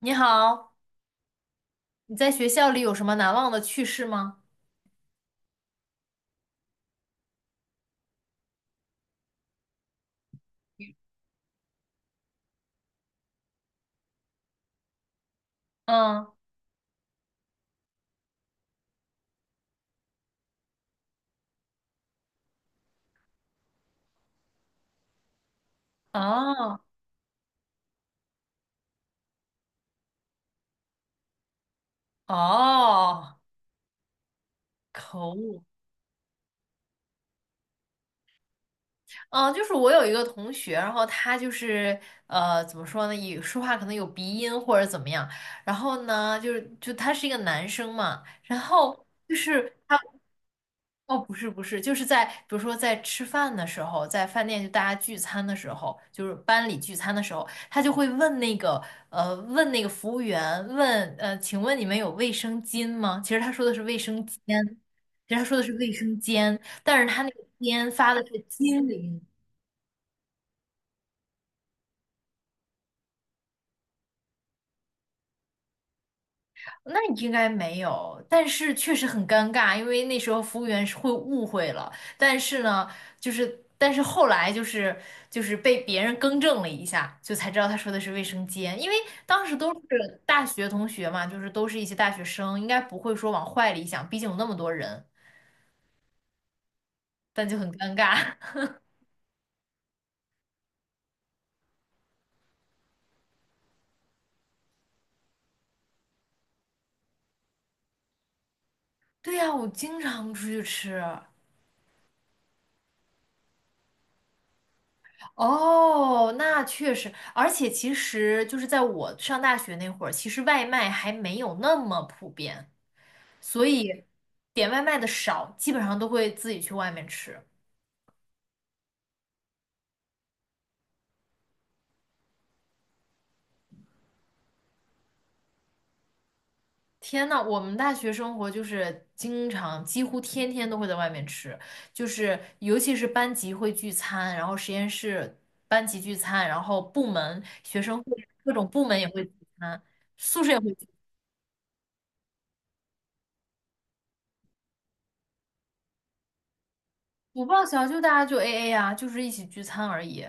你好，你在学校里有什么难忘的趣事吗？嗯，哦哦，可恶，嗯，就是我有一个同学，然后他就是怎么说呢，也说话可能有鼻音或者怎么样。然后呢，就是就他是一个男生嘛，然后就是他哦，不是不是，就是在比如说在吃饭的时候，在饭店就大家聚餐的时候，就是班里聚餐的时候，他就会问那个问那个服务员问请问你们有卫生巾吗？其实他说的是卫生间，其实他说的是卫生间，但是他那个间发的是金陵，那应该没有，但是确实很尴尬，因为那时候服务员是会误会了。但是呢，就是但是后来就是被别人更正了一下，就才知道他说的是卫生间，因为当时都是大学同学嘛，就是都是一些大学生，应该不会说往坏里想，毕竟有那么多人，但就很尴尬。对呀，我经常出去吃。哦，那确实，而且其实就是在我上大学那会儿，其实外卖还没有那么普遍。所以点外卖的少，基本上都会自己去外面吃。天呐，我们大学生活就是经常，几乎天天都会在外面吃，就是尤其是班级会聚餐，然后实验室班级聚餐，然后部门学生会各种部门也会聚餐，宿舍也会聚。不报销就大家就 AA 啊，就是一起聚餐而已。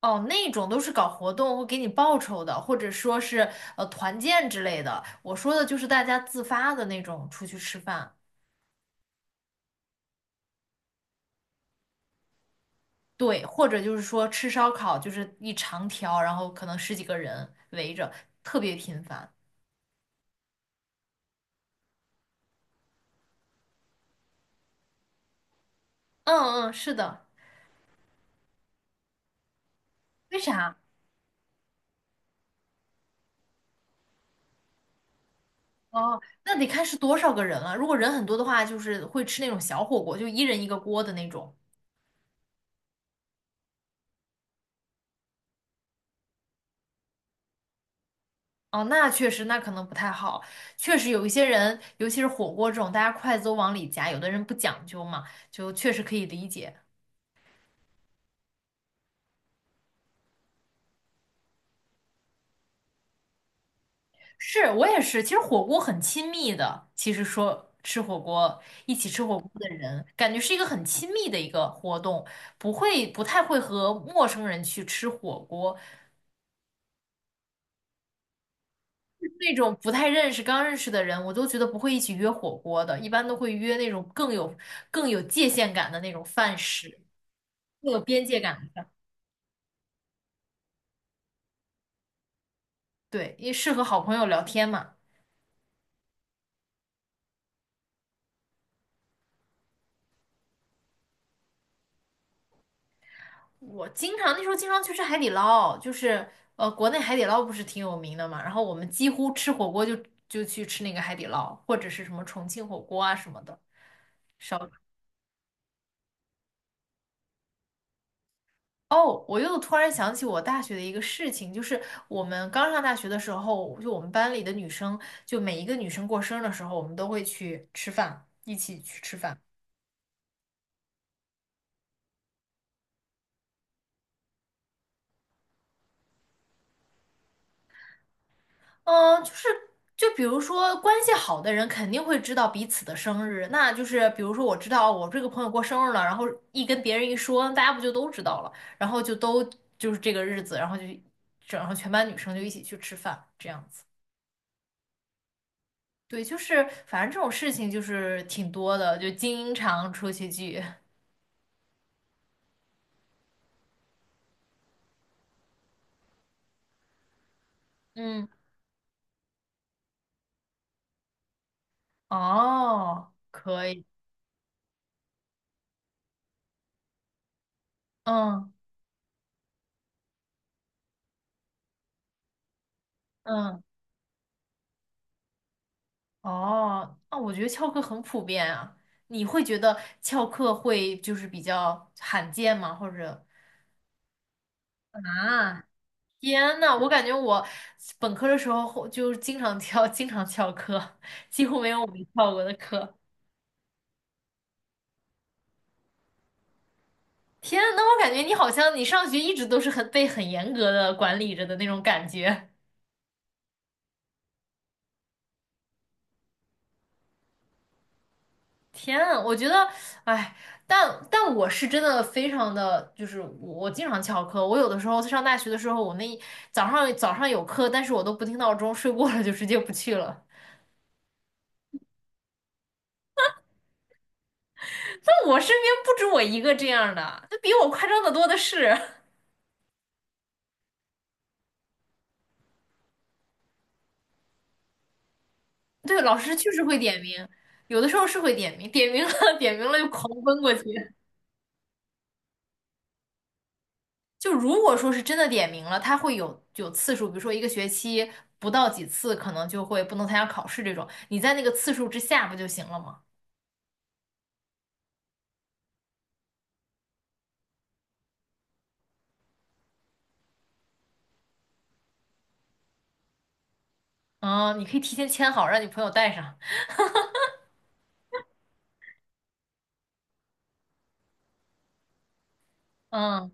哦，那种都是搞活动会给你报酬的，或者说是团建之类的。我说的就是大家自发的那种出去吃饭。对，或者就是说吃烧烤，就是一长条，然后可能十几个人围着，特别频繁。嗯嗯，是的。为啥？哦，那得看是多少个人了。如果人很多的话，就是会吃那种小火锅，就一人一个锅的那种。哦，那确实，那可能不太好。确实有一些人，尤其是火锅这种，大家筷子都往里夹，有的人不讲究嘛，就确实可以理解。是我也是，其实火锅很亲密的。其实说吃火锅，一起吃火锅的人，感觉是一个很亲密的一个活动，不会不太会和陌生人去吃火锅。那种不太认识、刚认识的人，我都觉得不会一起约火锅的，一般都会约那种更有界限感的那种饭食，更有边界感的。对，因为适合好朋友聊天嘛。我经常那时候经常去吃海底捞，就是国内海底捞不是挺有名的嘛，然后我们几乎吃火锅就去吃那个海底捞，或者是什么重庆火锅啊什么的。烧哦，我又突然想起我大学的一个事情，就是我们刚上大学的时候，就我们班里的女生，就每一个女生过生日的时候，我们都会去吃饭，一起去吃饭。嗯，就是就比如说关系好的人肯定会知道彼此的生日，那就是比如说我知道我这个朋友过生日了，然后一跟别人一说，大家不就都知道了，然后就都就是这个日子，然后就整上全班女生就一起去吃饭，这样子。对，就是反正这种事情就是挺多的，就经常出去聚。嗯，哦，可以，嗯嗯。哦，那我觉得翘课很普遍啊。你会觉得翘课会就是比较罕见吗？或者啊，天呐，我感觉我本科的时候后就是经常翘，经常翘课，几乎没有我没翘过的课。天呐，那我感觉你好像你上学一直都是很被很严格的管理着的那种感觉。天啊，我觉得，哎，但我是真的非常的，就是我经常翘课，我有的时候上大学的时候，我那一早上有课，但是我都不听闹钟，睡过了就直接不去了。那我身边不止我一个这样的，那比我夸张的多的是。对，老师确实会点名，有的时候是会点名，点名了 点名了就狂奔过去。就如果说是真的点名了，他会有次数，比如说一个学期不到几次，可能就会不能参加考试这种，你在那个次数之下不就行了吗？哦，你可以提前签好，让你朋友带上。嗯，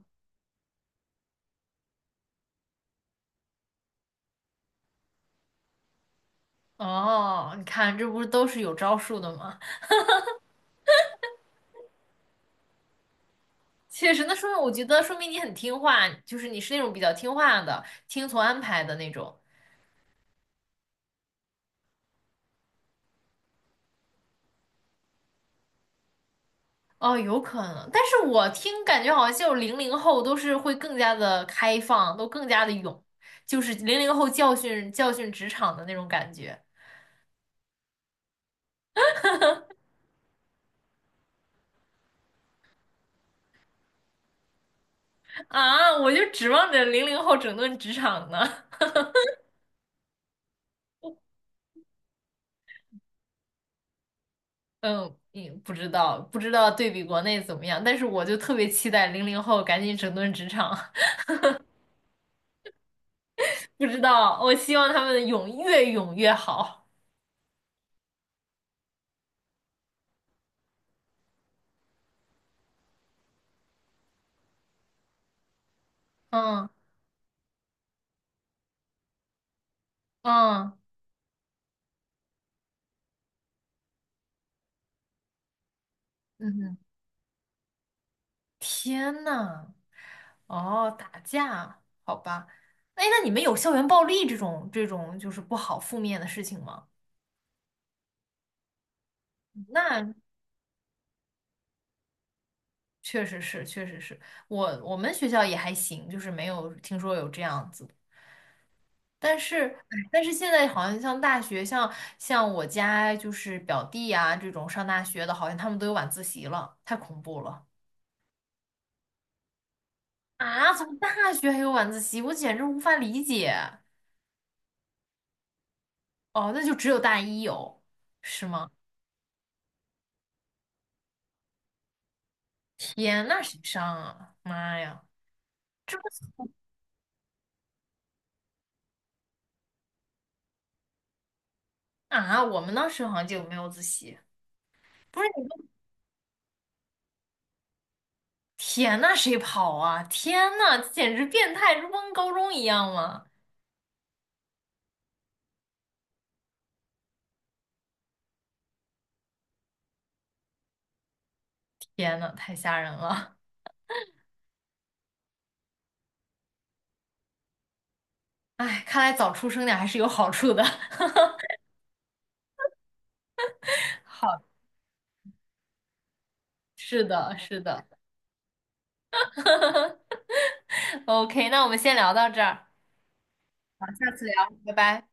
哦，你看，这不是都是有招数的吗？确实，那说明我觉得说明你很听话，就是你是那种比较听话的，听从安排的那种。哦，有可能，但是我听感觉好像就零零后都是会更加的开放，都更加的勇，就是零零后教训教训职场的那种感觉啊！我就指望着零零后整顿职场呢。嗯，也不知道，不知道对比国内怎么样，但是我就特别期待零零后赶紧整顿职场，不知道，我希望他们勇越勇越好。嗯嗯嗯，天呐，哦，打架，好吧，哎，那你们有校园暴力这种就是不好负面的事情吗？那确实是，确实是我们学校也还行，就是没有听说有这样子。但是，哎但是现在好像像大学，像像我家就是表弟啊这种上大学的，好像他们都有晚自习了，太恐怖了啊！怎么大学还有晚自习？我简直无法理解。哦，那就只有大一有，是吗？天，那谁上啊？妈呀，这不啊！我们当时好像就没有自习。不是你们，天呐，谁跑啊？天呐，简直变态，这不跟高中一样吗？天呐，太吓人了！哎，看来早出生点还是有好处的。好，是的，是的。OK，那我们先聊到这儿，好，下次聊，拜拜。